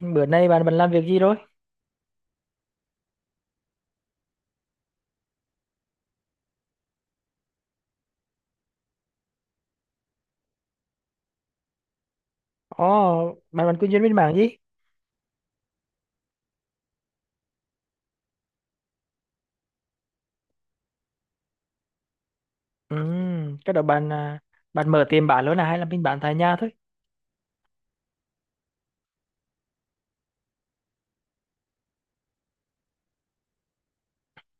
Bữa nay bạn bạn làm việc gì rồi? Ồ, bạn bạn kinh doanh bên mảng gì? Ừ, cái đó bạn à, bạn mở tiệm bán luôn à hay là mình bán tại nhà thôi?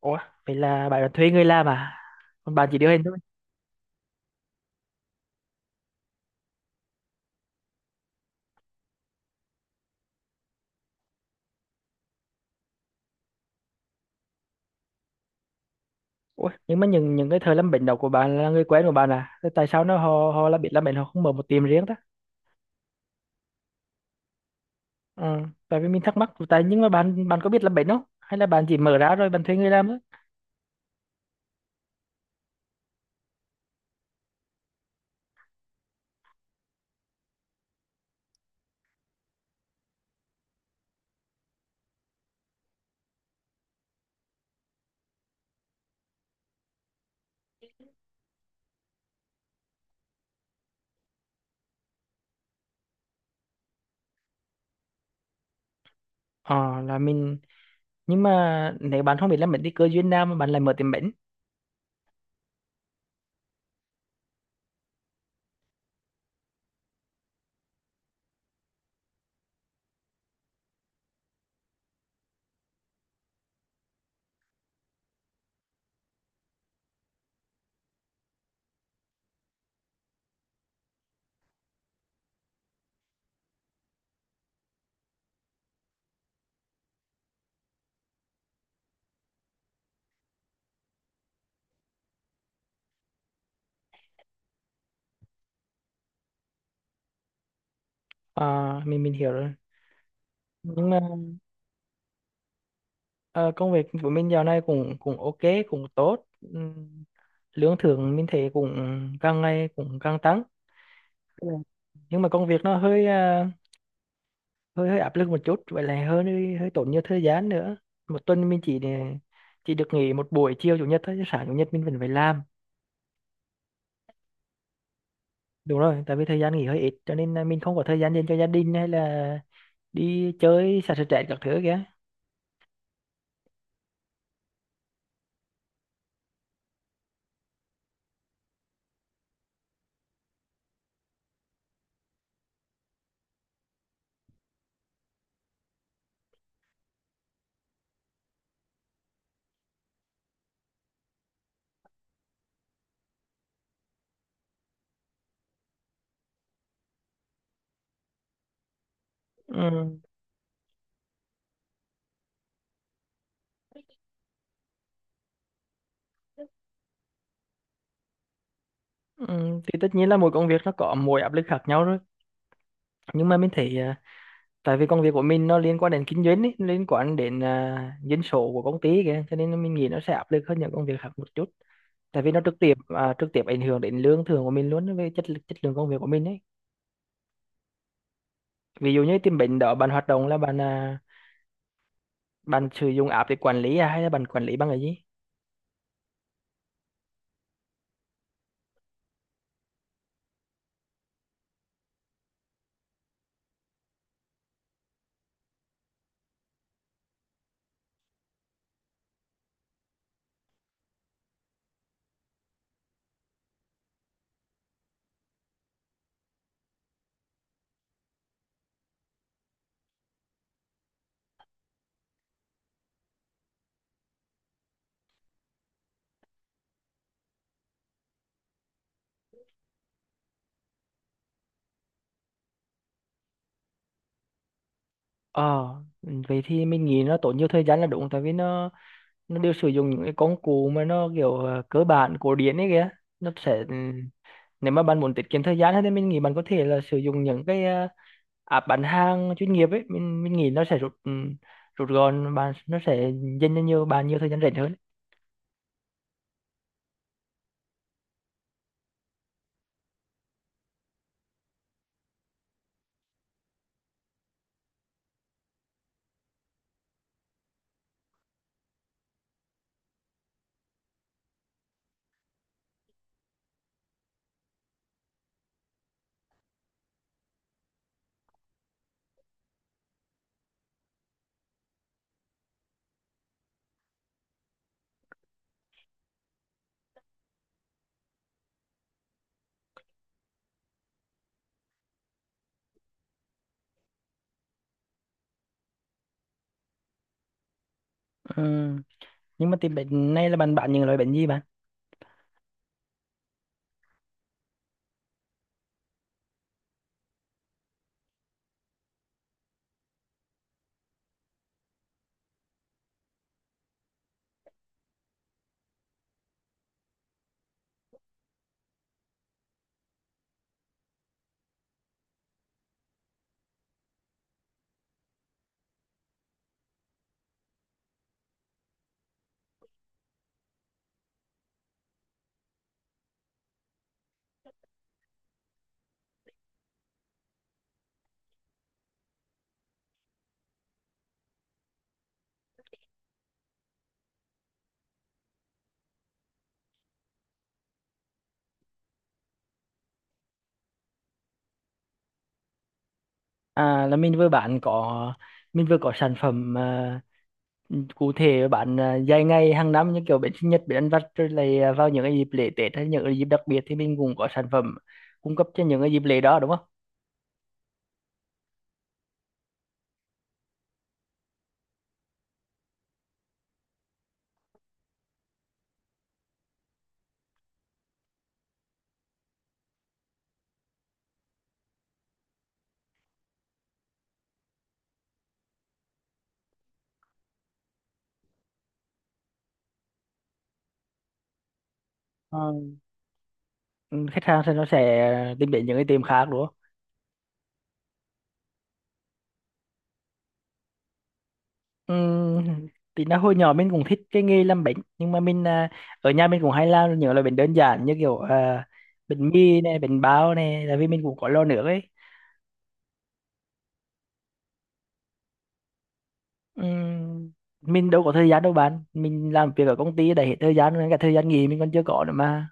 Ủa, vậy là bạn thuê người làm à? Còn bạn chỉ điều hành thôi. Ủa, nhưng mà những cái thợ làm bánh đó của bạn là người quen của bạn à? Thế tại sao nó họ họ là biết làm bánh họ không mở một tiệm riêng ta? Ừ, tại vì mình thắc mắc tại nhưng mà bạn bạn có biết làm bánh không? Hay là bạn chỉ mở ra rồi bạn thuê người làm thôi? Ờ là mình. Nhưng mà nếu bạn không biết làm bánh thì cơ duyên nào mà bạn lại mở tiệm bánh? Mình hiểu rồi. Nhưng mà. Ờ, công việc của mình dạo này cũng cũng ok, cũng tốt. Lương thưởng mình thấy cũng càng ngày cũng càng tăng. Ừ. Nhưng mà công việc nó hơi hơi hơi áp lực một chút, vậy là hơi hơi tốn nhiều thời gian nữa. Một tuần mình chỉ được nghỉ một buổi chiều chủ nhật thôi, chứ sáng chủ nhật mình vẫn phải làm. Đúng rồi, tại vì thời gian nghỉ hơi ít cho nên là mình không có thời gian dành cho gia đình hay là đi chơi xả stress các thứ kìa. Ừ. Ừ. Thì tất nhiên là mỗi công việc nó có mỗi áp lực khác nhau rồi, nhưng mà mình thấy tại vì công việc của mình nó liên quan đến kinh doanh ấy, liên quan đến dân số của công ty kìa, cho nên mình nghĩ nó sẽ áp lực hơn những công việc khác một chút, tại vì nó trực tiếp trực tiếp ảnh hưởng đến lương thưởng của mình luôn về chất lượng công việc của mình ấy. Ví dụ như tìm bệnh đó bạn hoạt động là bạn sử dụng app để quản lý à, hay là bạn quản lý bằng cái gì? Ờ. Ừ, vậy thì mình nghĩ nó tốn nhiều thời gian là đúng, tại vì nó đều sử dụng những cái công cụ mà nó kiểu à, cơ bản cổ điển ấy kìa, nó sẽ ừ, nếu mà bạn muốn tiết kiệm thời gian hơn thì mình nghĩ bạn có thể là sử dụng những cái app bán hàng chuyên nghiệp ấy. Mình nghĩ nó sẽ rút rút gọn bạn, nó sẽ dành cho nhiều bạn nhiều thời gian rảnh hơn. Ừ. Nhưng mà tìm bánh này là bạn bán những loại bánh gì bạn? À là mình vừa bán có mình vừa có sản phẩm à, cụ thể bán à, dài ngày hàng năm như kiểu bánh sinh nhật, bánh ăn vặt, rồi lại à, vào những cái dịp lễ Tết hay những cái dịp đặc biệt thì mình cũng có sản phẩm cung cấp cho những cái dịp lễ đó đúng không? Ờ. Ừ, khách hàng sẽ nó sẽ tìm đến những cái tiệm khác đúng không? Ừm, thì nó hồi nhỏ mình cũng thích cái nghề làm bánh, nhưng mà ở nhà mình cũng hay làm những loại bánh đơn giản như kiểu à, bánh mì này, bánh bao này, là vì mình cũng có lo nước ấy. Ừm, mình đâu có thời gian đâu bạn, mình làm việc ở công ty đã hết thời gian nên cả thời gian nghỉ mình còn chưa có nữa mà.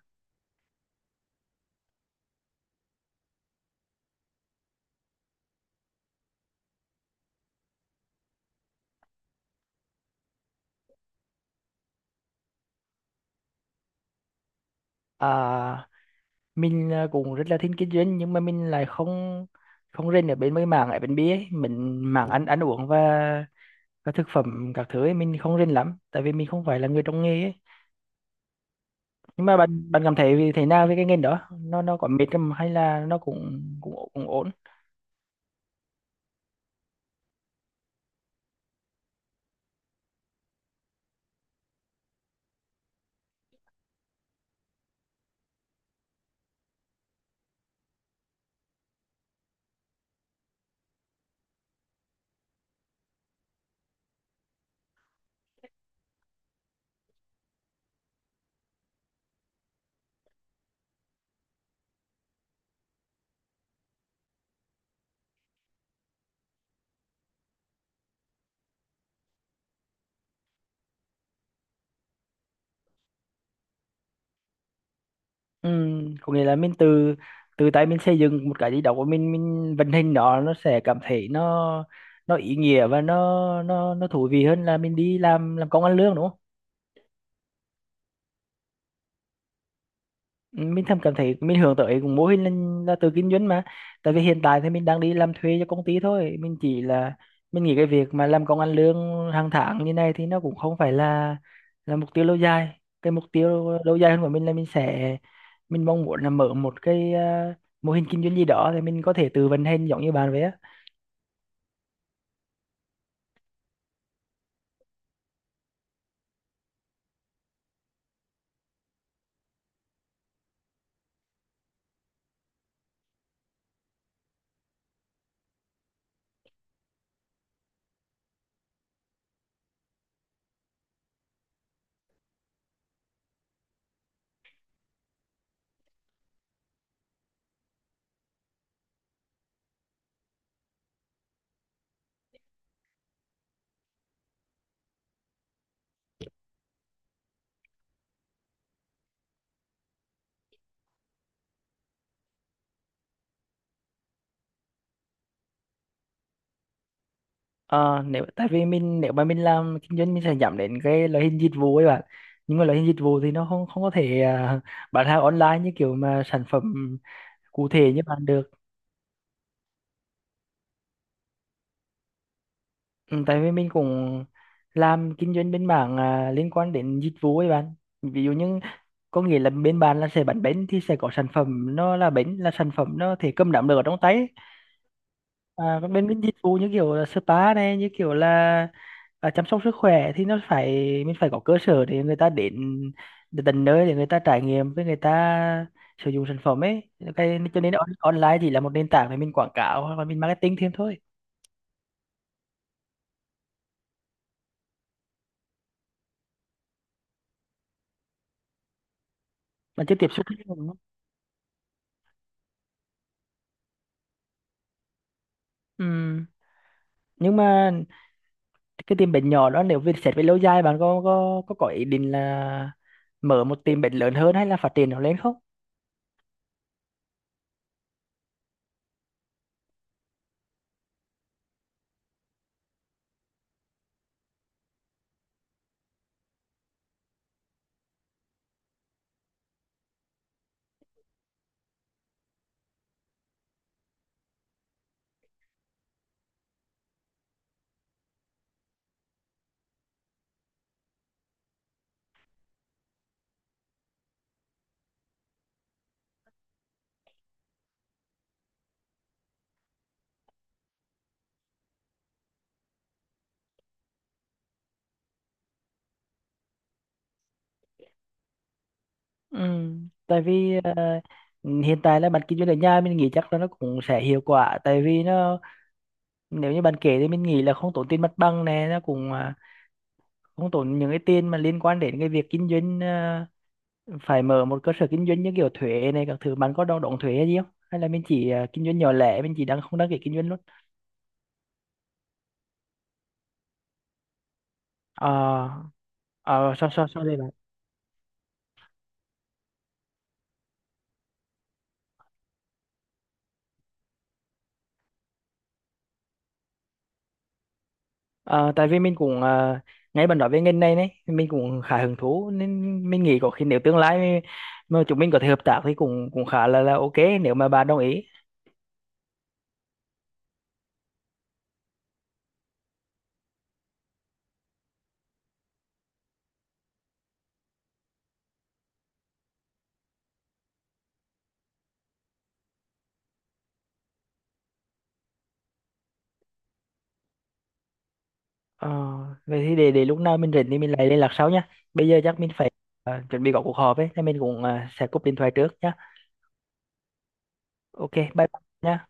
À, cũng rất là thích kinh doanh, nhưng mà mình lại không không rên ở bên mấy mảng ở bên bia ấy, mình mảng ăn ăn uống và thực phẩm các thứ ấy mình không rên lắm, tại vì mình không phải là người trong nghề ấy. Nhưng mà bạn bạn cảm thấy vì thế nào với cái ngành đó, nó có mệt không hay là nó cũng cũng ổ- cũng ổn? Ừ, có nghĩa là mình từ từ tay mình xây dựng một cái gì đó của mình vận hành nó sẽ cảm thấy nó ý nghĩa và nó thú vị hơn là mình đi làm công ăn lương đúng không? Mình thầm cảm thấy mình hướng tới cũng mô hình là tự kinh doanh mà, tại vì hiện tại thì mình đang đi làm thuê cho công ty thôi, mình chỉ là, mình nghĩ cái việc mà làm công ăn lương hàng tháng như này thì nó cũng không phải là mục tiêu lâu dài. Cái mục tiêu lâu dài hơn của mình là mình sẽ, mình mong muốn là mở một cái à, mô hình kinh doanh gì đó thì mình có thể tự vận hành giống như bạn vậy á. Ờ, nếu tại vì mình, nếu mà mình làm kinh doanh mình sẽ nhắm đến cái loại hình dịch vụ ấy bạn, nhưng mà loại hình dịch vụ thì nó không không có thể à, bán hàng online như kiểu mà sản phẩm cụ thể như bạn được. Ừ, tại vì mình cũng làm kinh doanh bên mảng à, liên quan đến dịch vụ ấy bạn, ví dụ như có nghĩa là bên bạn là sẽ bán bánh thì sẽ có sản phẩm, nó là bánh, là sản phẩm nó thể cầm nắm được ở trong tay ấy. À, còn bên bên dịch vụ như kiểu là spa này, như kiểu là à, chăm sóc sức khỏe thì nó phải, mình phải có cơ sở để người ta đến, đến tận nơi để người ta trải nghiệm, với người ta sử dụng sản phẩm ấy, cái cho nên online chỉ là một nền tảng để mình quảng cáo hoặc là mình marketing thêm thôi. Mà chưa tiếp xúc với người. Ừ. Nhưng mà cái tiệm bánh nhỏ đó nếu về xét về lâu dài bạn có ý định là mở một tiệm bánh lớn hơn hay là phát triển nó lên không? Ừ. Tại vì ờ, hiện tại là bạn kinh doanh ở nhà, mình nghĩ chắc là nó cũng sẽ hiệu quả, tại vì nó, nếu như bạn kể thì mình nghĩ là không tốn tiền mặt bằng này, nó cũng à, không tốn những cái tiền mà liên quan đến cái việc kinh doanh à, phải mở một cơ sở kinh doanh như kiểu thuế này các thứ. Bạn có đo đóng thuế hay gì không? Hay là mình chỉ à, kinh doanh nhỏ lẻ, mình chỉ đang không đăng ký kinh doanh luôn? Ờ. Ờ, sao sao sao đây bạn? Ờ, tại vì mình ngay bạn nói về ngành này đấy, mình cũng khá hứng thú nên mình nghĩ có khi nếu tương lai mà chúng mình có thể hợp tác thì cũng cũng khá là ok, nếu mà bạn đồng ý. Ờ, vậy thì để lúc nào mình rảnh thì mình lại liên lạc sau nhá. Bây giờ chắc mình phải chuẩn bị có cuộc họp ấy, nên mình cũng sẽ cúp điện thoại trước nhá. Ok, bye bye nhá.